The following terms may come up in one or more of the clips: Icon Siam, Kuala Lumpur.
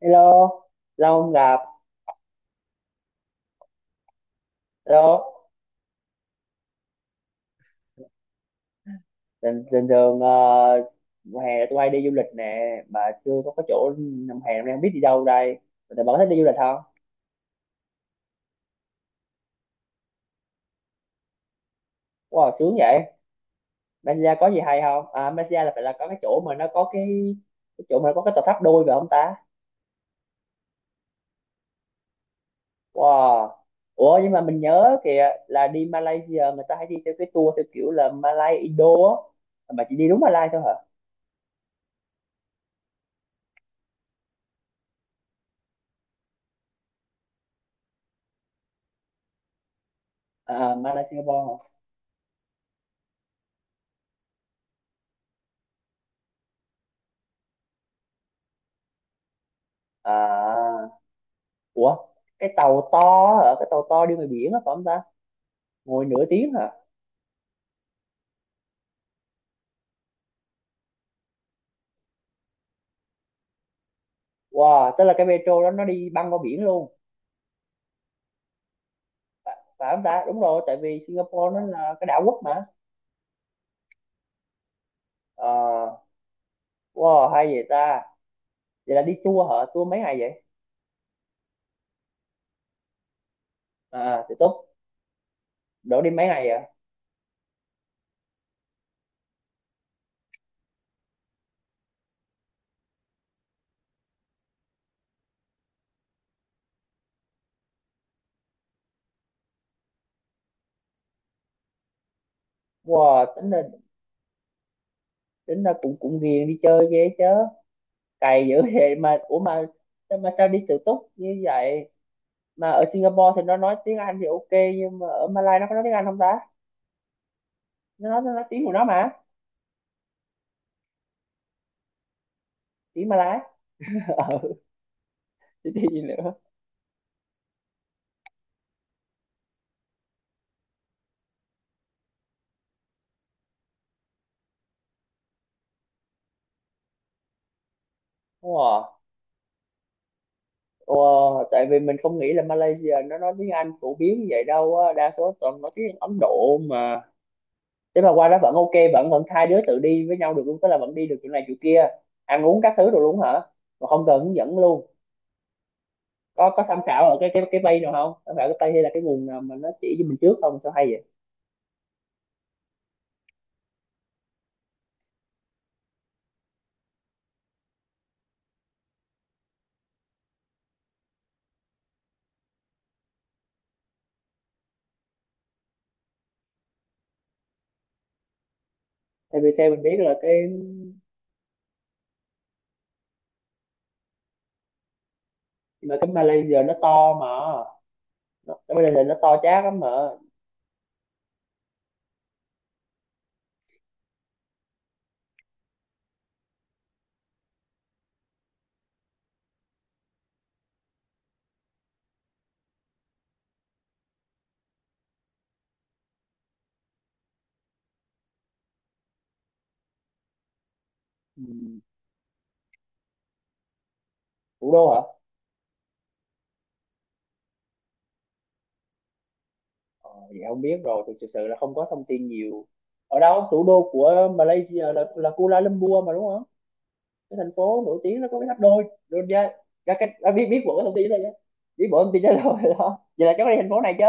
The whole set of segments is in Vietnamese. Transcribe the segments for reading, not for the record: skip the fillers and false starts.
Hello, lâu không gặp. Hello, bình thường mùa hè là tụi bay đi du lịch nè, mà chưa có cái chỗ năm hè năm nay không biết đi đâu đây. Tụi bạn có thích đi du lịch không? Wow, sướng vậy. Malaysia có gì hay không? À, Malaysia là phải là có cái chỗ mà nó có cái chỗ mà nó có cái tòa tháp đôi phải không ta? Wow. Ủa nhưng mà mình nhớ kìa là đi Malaysia người ta hay đi theo cái tour theo kiểu là Malay Indo á. Mà chị đi đúng Malay thôi hả? À, Malay Singapore hả? À, ủa, cái tàu to hả, cái tàu to đi ngoài biển á phải không ta, ngồi nửa tiếng hả? Wow, tức là cái metro đó nó đi băng qua biển luôn phải không ta? Đúng rồi, tại vì Singapore nó là cái đảo quốc mà. Ờ, wow hay vậy ta. Vậy là đi tour hả, tour mấy ngày vậy? À thì tốt. Đổ đi mấy ngày vậy? Wow, tính là cũng cũng ghiền đi chơi ghê chứ, cày dữ vậy mà. Ủa mà sao đi tự túc như vậy, mà ở Singapore thì nó nói tiếng Anh thì ok, nhưng mà ở Malaysia nó có nói tiếng Anh không ta? Nó nói tiếng của nó mà. Tiếng Malay ờ chứ gì nữa. Đúng rồi. Ủa, tại vì mình không nghĩ là Malaysia nó nói tiếng Anh phổ biến như vậy đâu á, đa số toàn nói tiếng Ấn Độ mà. Thế mà qua đó vẫn ok, vẫn vẫn hai đứa tự đi với nhau được luôn, tức là vẫn đi được chỗ này chỗ kia, ăn uống các thứ rồi luôn hả, mà không cần hướng dẫn luôn? Có tham khảo ở cái bay nào không, tham khảo cái bay hay là cái nguồn nào mà nó chỉ cho mình trước không, sao hay vậy? Tại vì theo mình biết là cái mà cái Malaysia nó to mà, nó, cái Malaysia nó to chát lắm mà. Ừ. Thủ đô hả? Ờ, vậy không biết rồi, thực sự sự là không có thông tin nhiều. Ở đâu, thủ đô của Malaysia là Kuala Lumpur mà đúng không? Cái thành phố nổi tiếng nó có cái tháp đôi. Đôi ra, ra cái à, biết biết bộ thông tin thôi nhé. Biết bộ thông tin đó rồi đó. Vậy là cháu có đi thành phố này chứ?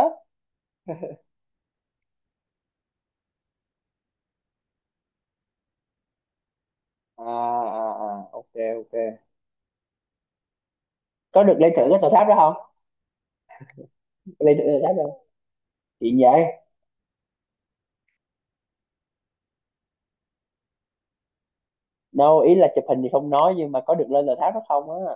À, à, à, ok, ok. Có được lên thử cái tòa tháp đó không? Lên thử tòa tháp không? Chuyện vậy. Đâu, ý là chụp hình thì không nói nhưng mà có được lên tòa tháp đó không á?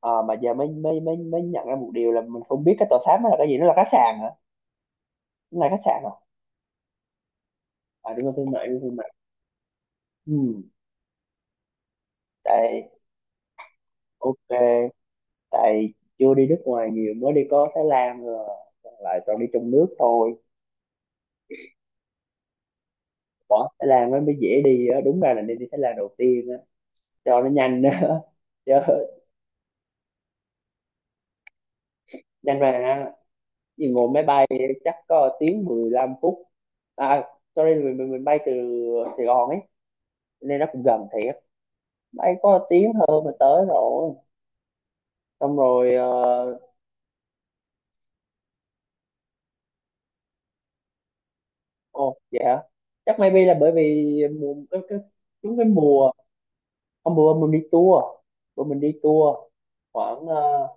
À, mà giờ mới mới mới mới nhận ra một điều là mình không biết cái tòa tháp đó là cái gì, nó là khách sạn hả? Nó là khách sạn hả? À đúng rồi, thương mại, đúng rồi, thương mại. Ừ. Tại ok, tại chưa đi nước ngoài nhiều, mới đi có Thái Lan rồi, còn lại toàn đi trong nước thôi. Bỏ Thái Lan nó mới dễ đi á, đúng ra là nên đi Thái Lan đầu tiên á, cho nó nhanh á. Chứ nhanh mà á, vì ngồi máy bay chắc có tiếng 15 phút. À sorry, mình bay từ Sài Gòn ấy, nên nó cũng gần thiệt, bay có tiếng hơn mà tới rồi, xong rồi ồ vậy hả. Chắc maybe là bởi vì mùa cái đúng cái mùa. Hôm bữa mình đi tour khoảng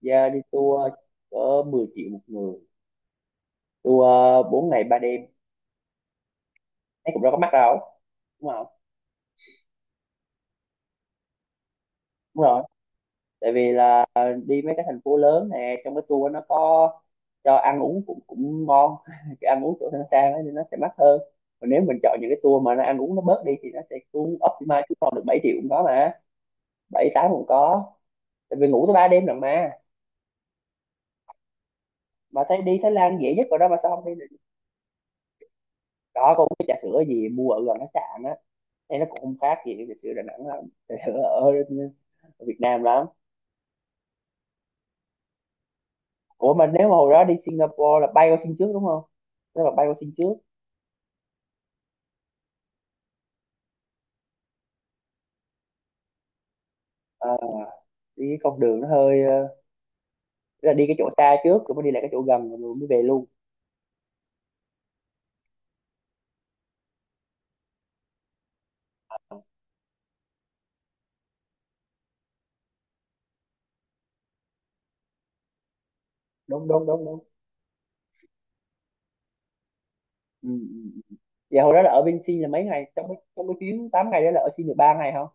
ra đi tour cỡ 10 triệu một người tour, 4 ngày ba đêm, thấy cũng đâu có mắc đâu. Đúng không? Đúng rồi, tại vì là đi mấy cái thành phố lớn nè, trong cái tour nó có cho ăn uống cũng cũng ngon, cái ăn uống chỗ nó sang ấy, nên nó sẽ mắc hơn. Còn nếu mình chọn những cái tour mà nó ăn uống nó bớt đi thì nó sẽ xuống optimize xuống còn được 7 triệu cũng có mà, bảy tám cũng có, tại vì ngủ tới 3 đêm lần mà. Mà thấy đi Thái Lan dễ nhất rồi đó, mà sao không đi. Đó có uống cái trà sữa gì mua ở gần khách sạn á, thế nó cũng không khác gì trà sữa Đà Nẵng lắm, trà sữa ở Việt Nam lắm. Ủa mà nếu mà hồi đó đi Singapore là bay qua Sing trước đúng không, nếu mà bay qua Sing trước ờ, đi cái con đường nó hơi tức là đi cái chỗ xa trước rồi mới đi lại cái chỗ gần rồi mới về luôn. Đúng đúng đúng đúng. Ừ. Ừ, ừ. Vậy hồi đó là ở bên Sing là mấy ngày, trong cái chuyến 8 ngày đó là ở Sing được 3 ngày không?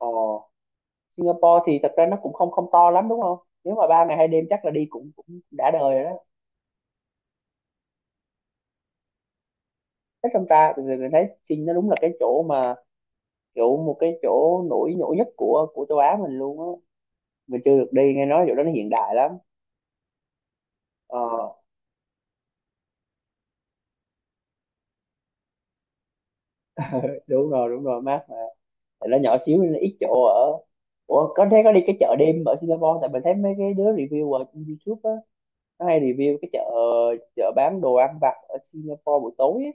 Ồ, Singapore thì thật ra nó cũng không không to lắm đúng không? Nếu mà 3 ngày 2 đêm chắc là đi cũng cũng đã đời rồi đó. Thích trong ta? Thì mình thấy Trinh nó đúng là cái chỗ mà, kiểu một cái chỗ nổi nổi nhất của châu Á mình luôn á. Mình chưa được đi, nghe nói chỗ đó nó hiện đại lắm. Ờ, đúng rồi, mát mà. Tại nó nhỏ xíu nên nó ít chỗ ở. Ủa, có thế có đi cái chợ đêm ở Singapore? Tại mình thấy mấy cái đứa review ở trên YouTube á, nó hay review cái chợ chợ bán đồ ăn vặt ở Singapore buổi tối ấy.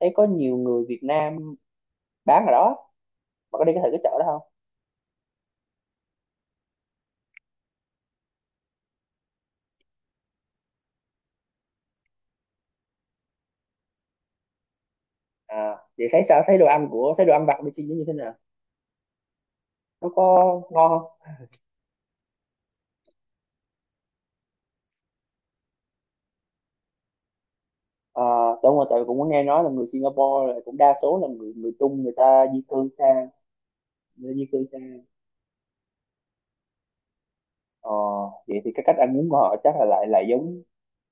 Thấy có nhiều người Việt Nam bán ở đó, mà có đi cái thử cái chợ đó không? À vậy thấy sao, thấy đồ ăn của, thấy đồ ăn vặt bên Sing nó như thế nào, nó có ngon? À, đúng rồi, tại vì cũng có nghe nói là người Singapore là cũng đa số là người người Trung, người ta di cư sang, người ta di cư sang. Ờ, vậy thì cái cách ăn uống của họ chắc là lại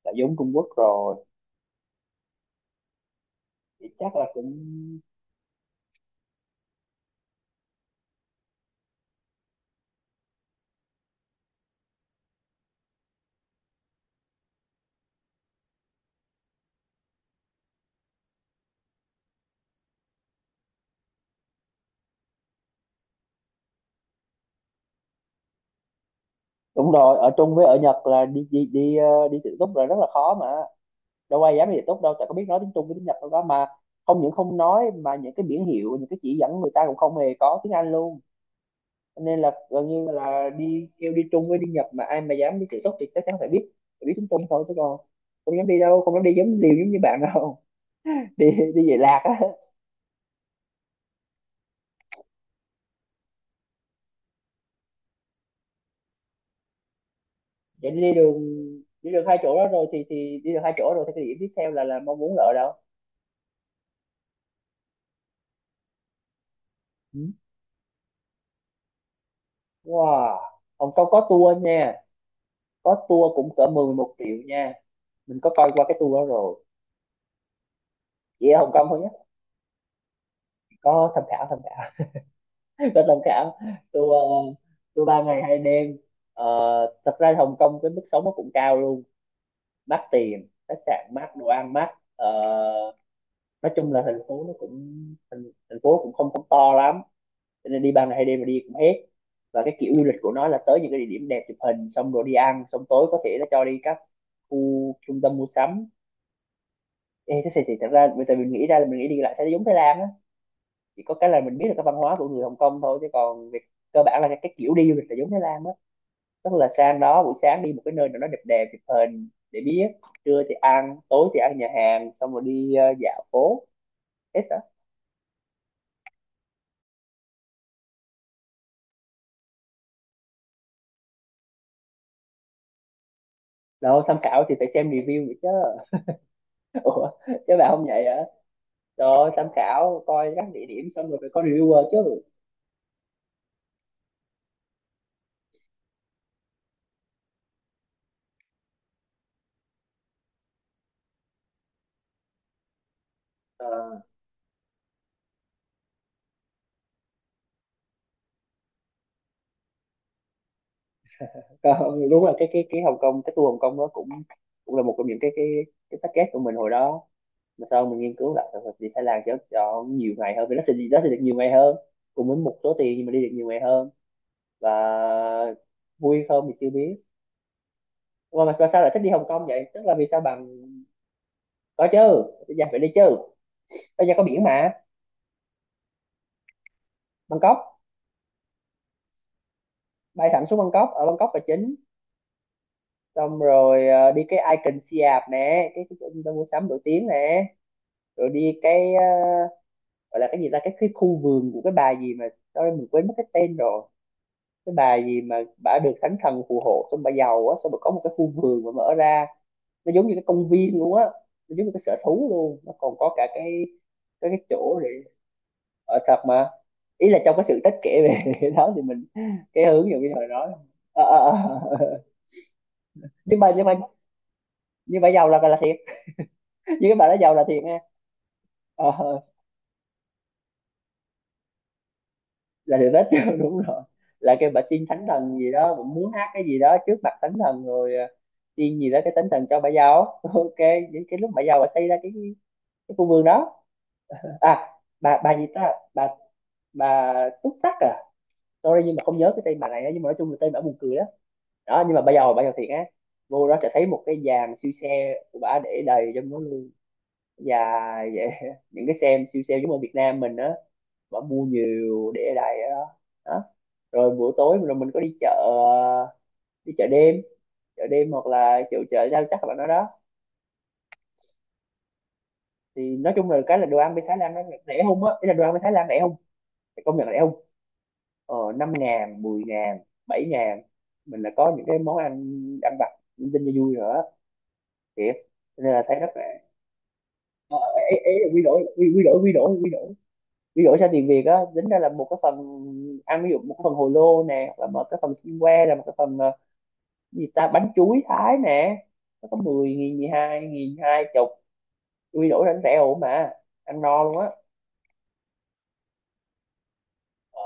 lại giống Trung Quốc rồi. Thì chắc là cũng đúng rồi, ở Trung với ở Nhật là đi đi đi ờ, đi tự túc là rất là khó mà. Đâu ai dám đi tự túc đâu, tại có biết nói tiếng Trung với tiếng Nhật đâu đó mà, không những không nói mà những cái biển hiệu, những cái chỉ dẫn người ta cũng không hề có tiếng Anh luôn. Nên là gần như là đi, kêu đi Trung với đi Nhật mà ai mà dám đi tự túc thì chắc chắn phải biết tiếng Trung thôi, chứ còn không dám đi đâu, không dám đi giống liều giống như bạn đâu. Đi đi về lạc á. Vậy đi đường, đi được hai chỗ đó rồi thì đi được hai chỗ rồi thì cái điểm tiếp theo là mong muốn là ở đâu? Ừ. Wow. Hồng Kông có tour nha, có tour cũng cỡ 11 triệu nha, mình có coi qua cái tour đó rồi, chỉ ở Hồng Kông thôi nhé. Có tham khảo, tôi thông cảm. Tôi ờ, tôi 3 ngày 2 đêm. Ờ, thật ra Hồng Kông cái mức sống nó cũng cao luôn, mắc tiền, khách sạn mắc, đồ ăn mắc. Ờ, nói chung là thành phố nó cũng thành, thành phố cũng không không to lắm, cho nên đi 3 ngày 2 đêm mà đi cũng hết. Và cái kiểu du lịch của nó là tới những cái địa điểm đẹp chụp hình xong rồi đi ăn, xong tối có thể nó cho đi các khu trung tâm mua sắm. Ê, thế thì thật ra bây giờ mình nghĩ ra là mình nghĩ đi lại sẽ giống Thái Lan á, chỉ có cái là mình biết là cái văn hóa của người Hồng Kông thôi, chứ còn việc cơ bản là cái kiểu đi du lịch là giống Thái Lan đó. Tức là sang đó buổi sáng đi một cái nơi nào đó đẹp đẹp chụp hình để biết, trưa thì ăn, tối thì ăn nhà hàng xong rồi đi dạo phố, hết á. Đâu tham khảo thì phải xem review vậy chứ. Ủa, chứ bà không vậy hả? Rồi tham khảo coi các địa điểm xong rồi phải có reviewer chứ. Ờ, còn, đúng là cái Hồng Kông, cái tour Hồng Kông đó cũng cũng là một trong những cái cái package của mình hồi đó, mà sau mình nghiên cứu lại thì sự đi Thái Lan cho nhiều ngày hơn, vì nó sẽ được nhiều ngày hơn cùng với một số tiền, nhưng mà đi được nhiều ngày hơn, và vui không thì chưa biết. Mà sao lại thích đi Hồng Kông vậy, tức là vì sao bạn. Có chứ. Bây giờ phải đi chứ. Bây giờ có biển mà. Bangkok. Bay thẳng xuống Bangkok, ở Bangkok là chính. Xong rồi đi cái Icon Siam nè, cái chỗ trung tâm mua sắm nổi tiếng nè. Rồi đi gọi là cái gì ta, cái khu vườn của cái bà gì mà, đó mình quên mất cái tên rồi. Cái bà gì mà bà được thánh thần phù hộ, xong bà giàu á, xong bà có một cái khu vườn mà mở ra nó giống như cái công viên luôn á, nó giống như cái sở thú luôn, nó còn có cả cái chỗ để ở thật mà. Ý là trong cái sự tích kể về cái đó thì mình cái hướng dụ như hồi đó. Ờ, ờ, ờ. nhưng mà nhưng mà nhưng mà giàu là thiệt. Nhưng cái bà đó giàu là thiệt nha. Ờ, ờ, là sự tích đúng rồi. Là cái bà tiên thánh thần gì đó cũng muốn hát cái gì đó trước mặt thánh thần rồi, tiên gì đó cái thánh thần cho bà giàu. Ok, những cái lúc bà giàu bà xây ra cái khu vườn đó. À, bà gì ta, bà túc tắc à. Sorry nhưng mà không nhớ cái tên bà này á, nhưng mà nói chung là tên bà buồn cười đó. Đó nhưng mà bây giờ thiệt á, vô đó sẽ thấy một cái dàn siêu xe của bà để đầy trong đó luôn, dài vậy. Những cái xe siêu xe giống ở Việt Nam mình á, bà mua nhiều để đầy ở đó. Đó rồi buổi tối rồi mình có đi chợ, đi chợ đêm. Chợ đêm hoặc là chợ chợ rau chắc là nó đó. Thì nói chung là cái là đồ ăn bên Thái Lan nó rẻ không á, ý là đồ ăn bên Thái Lan rẻ không. Phải công nhận rẻ không. 5 ngàn, 10.000, 7.000, mình là có những cái món ăn ăn vặt linh tinh cho vui nữa, thiệt. Cho nên là thấy rất là ờ, ấy là quy đổi quy đổi sang tiền Việt á, tính ra là một cái phần ăn, ví dụ một cái phần hồ lô nè hoặc là một cái phần xiên que là một cái phần, cái gì ta, bánh chuối Thái nè, nó có 10.000, 12.000, 20. Quy đổi đánh rẻ ổn mà, ăn no luôn á. Ờ,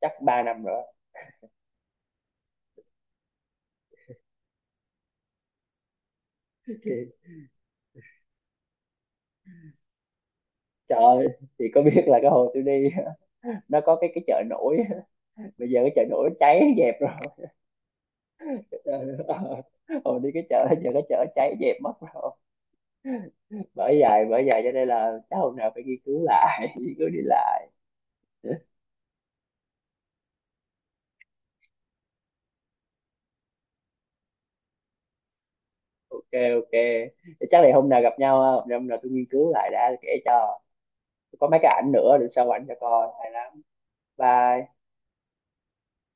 chắc 3 năm rồi. Thì, trời ơi, thì có biết là cái hồi tôi đi, nó có cái chợ nổi, bây giờ cái chợ nổi cháy dẹp rồi. Hồi đi cái chợ, giờ cái chợ cháy dẹp mất rồi. Bởi vậy cho nên là chắc hôm nào phải nghiên cứu lại. Nghiên cứu đi lại. Ok, ok. Chắc là hôm nào gặp nhau ha, hôm nào tôi nghiên cứu lại đã kể cho, có mấy cái ảnh nữa để sau ảnh cho coi hay lắm. Bye.